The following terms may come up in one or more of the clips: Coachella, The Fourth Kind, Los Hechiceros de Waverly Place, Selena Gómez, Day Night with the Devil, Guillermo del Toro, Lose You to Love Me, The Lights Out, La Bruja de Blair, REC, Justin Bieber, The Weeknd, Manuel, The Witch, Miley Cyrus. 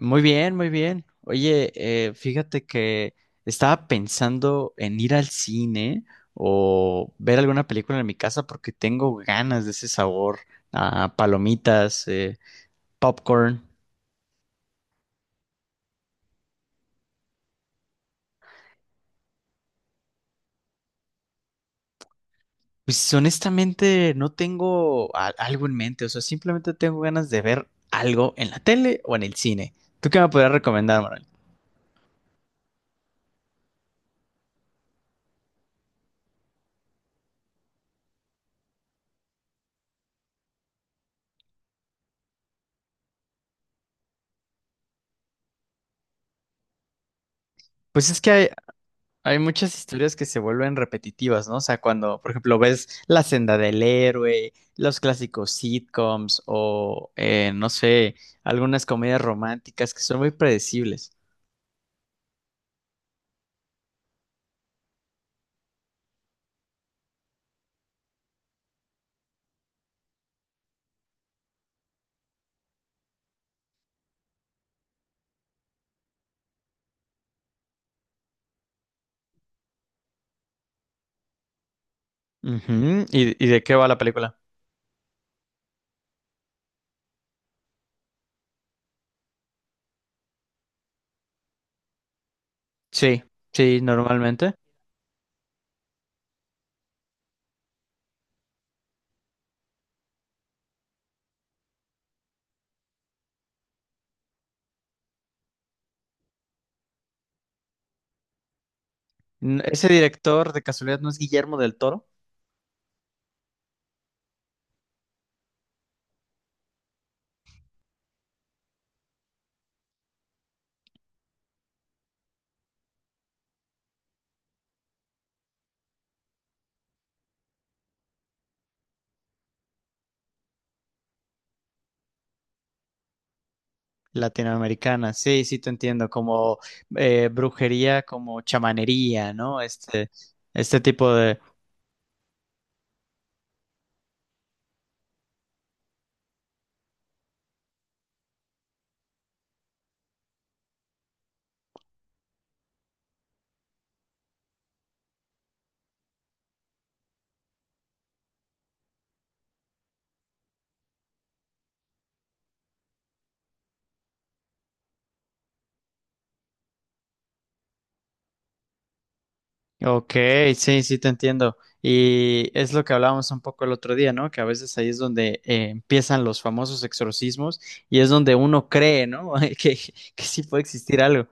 Muy bien, muy bien. Oye, fíjate que estaba pensando en ir al cine o ver alguna película en mi casa porque tengo ganas de ese sabor a palomitas, popcorn. Pues honestamente no tengo algo en mente, o sea, simplemente tengo ganas de ver algo en la tele o en el cine. ¿Tú qué me podrías recomendar, Manuel? Pues es que hay, Hay muchas historias que se vuelven repetitivas, ¿no? O sea, cuando, por ejemplo, ves La senda del héroe, los clásicos sitcoms o, no sé, algunas comedias románticas que son muy predecibles. Ujú. ¿Y, de qué va la película? Sí, sí, normalmente. Ese director de casualidad no es Guillermo del Toro, latinoamericana. Sí, sí, te entiendo, como brujería, como chamanería, ¿no? Este tipo. Ok, sí, sí te entiendo. Y es lo que hablábamos un poco el otro día, ¿no? Que a veces ahí es donde empiezan los famosos exorcismos y es donde uno cree, ¿no? Que, que sí puede existir algo.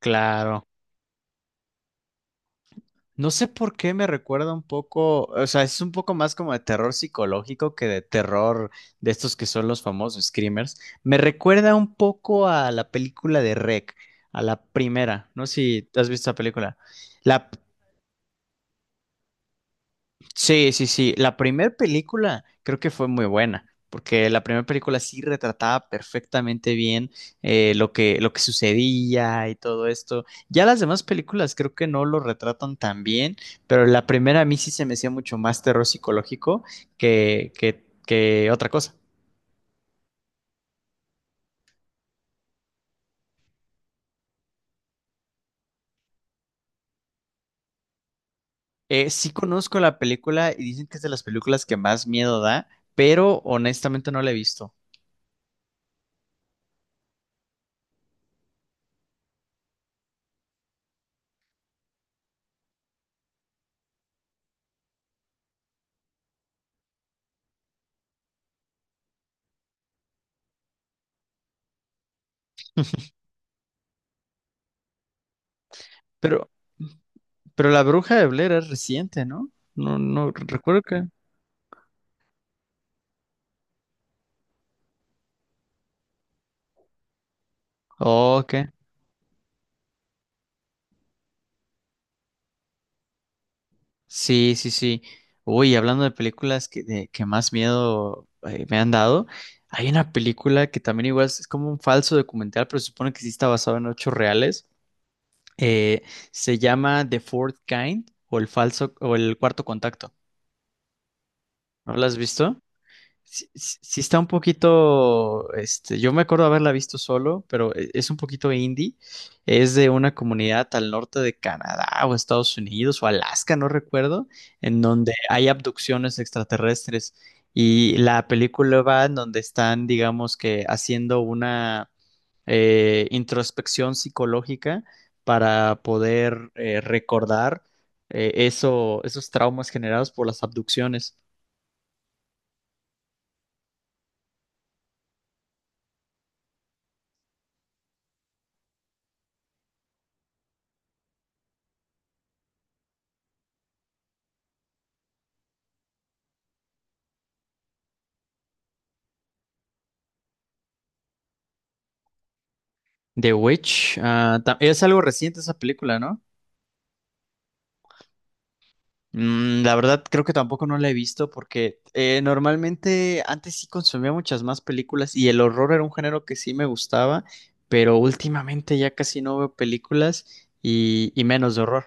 Claro. No sé por qué me recuerda un poco, o sea, es un poco más como de terror psicológico que de terror de estos que son los famosos screamers. Me recuerda un poco a la película de REC, a la primera. No sé si has visto la película. La, Sí, sí, sí. La primera película creo que fue muy buena, porque la primera película sí retrataba perfectamente bien lo lo que sucedía y todo esto. Ya las demás películas creo que no lo retratan tan bien, pero la primera a mí sí se me hacía mucho más terror psicológico que otra cosa. Sí conozco la película y dicen que es de las películas que más miedo da, pero honestamente no la he visto. Pero, pero La Bruja de Blair es reciente, ¿no? No, no recuerdo que. Oh, ok, sí, sí, sí. Uy, hablando de películas que más miedo me han dado, hay una película que también igual es como un falso documental, pero se supone que sí está basado en hechos reales. Eh, se llama The Fourth Kind o el falso o el cuarto contacto. ¿No la has visto? Sí está un poquito, este, yo me acuerdo haberla visto solo, pero es un poquito indie. Es de una comunidad al norte de Canadá o Estados Unidos o Alaska, no recuerdo, en donde hay abducciones extraterrestres. Y la película va en donde están, digamos que, haciendo una introspección psicológica para poder recordar esos traumas generados por las abducciones. The Witch, ah, es algo reciente esa película, ¿no? Mm, la verdad creo que tampoco no la he visto porque normalmente antes sí consumía muchas más películas y el horror era un género que sí me gustaba, pero últimamente ya casi no veo películas y menos de horror.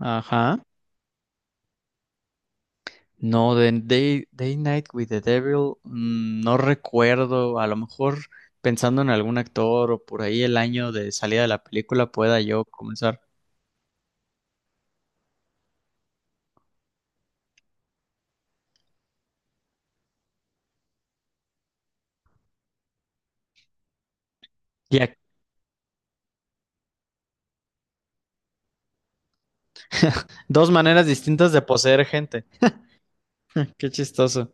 Ajá. No, de Day Night with the Devil, mm, no recuerdo, a lo mejor pensando en algún actor o por ahí el año de salida de la película pueda yo comenzar. Dos maneras distintas de poseer gente. Qué chistoso.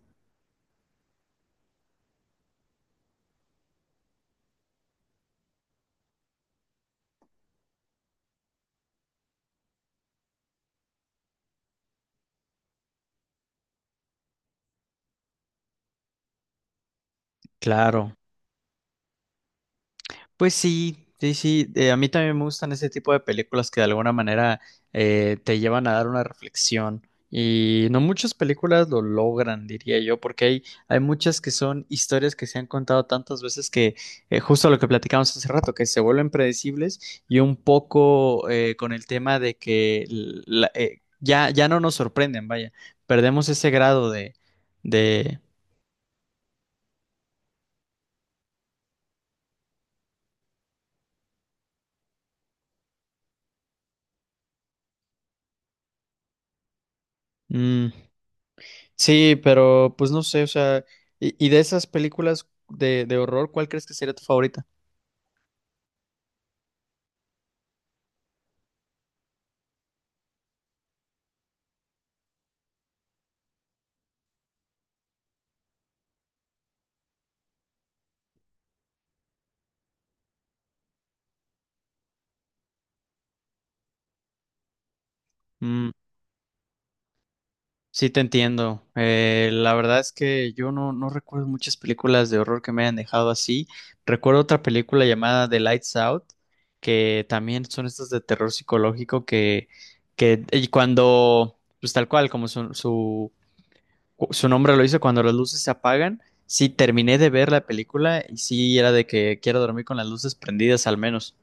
Claro. Pues sí, sí, sí. A mí también me gustan ese tipo de películas que de alguna manera te llevan a dar una reflexión. Y no muchas películas lo logran, diría yo, porque hay muchas que son historias que se han contado tantas veces que justo lo que platicamos hace rato, que se vuelven predecibles y un poco con el tema de que ya no nos sorprenden, vaya, perdemos ese grado de, mm. Sí, pero pues no sé, o sea, y de esas películas de horror, ¿cuál crees que sería tu favorita? Mm, sí, te entiendo. La verdad es que yo no, no recuerdo muchas películas de horror que me hayan dejado así. Recuerdo otra película llamada The Lights Out, que también son estas de terror psicológico que y cuando, pues tal cual, como su nombre lo dice, cuando las luces se apagan, sí terminé de ver la película y sí era de que quiero dormir con las luces prendidas al menos.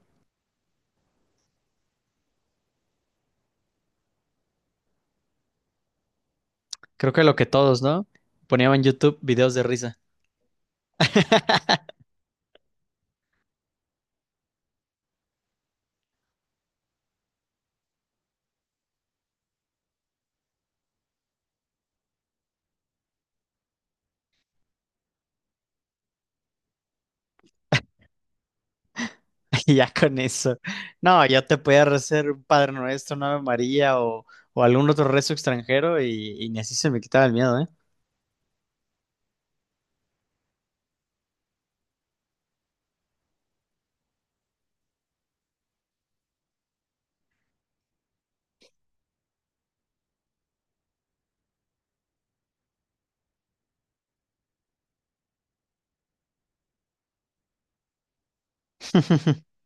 Creo que lo que todos, ¿no? Ponían en YouTube videos de risa. Y ya con eso. No, ya te podía hacer un Padre Nuestro, una Ave María o algún otro rezo extranjero y ni así se me quitaba el miedo, ¿eh?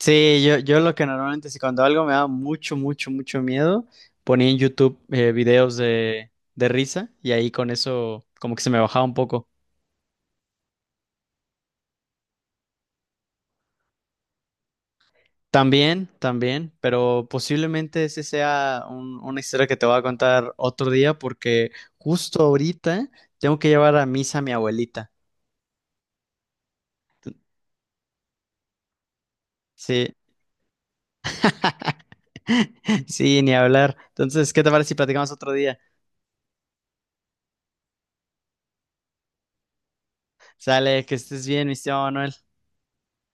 Sí, yo lo que normalmente, si cuando algo me da mucho, mucho, mucho miedo, ponía en YouTube videos de risa y ahí con eso como que se me bajaba un poco. También, también, pero posiblemente ese sea una historia que te voy a contar otro día porque justo ahorita tengo que llevar a misa a mi abuelita. Sí, sí, ni hablar. Entonces, ¿qué te parece si platicamos otro día? Sale, que estés bien, mi estimado Manuel.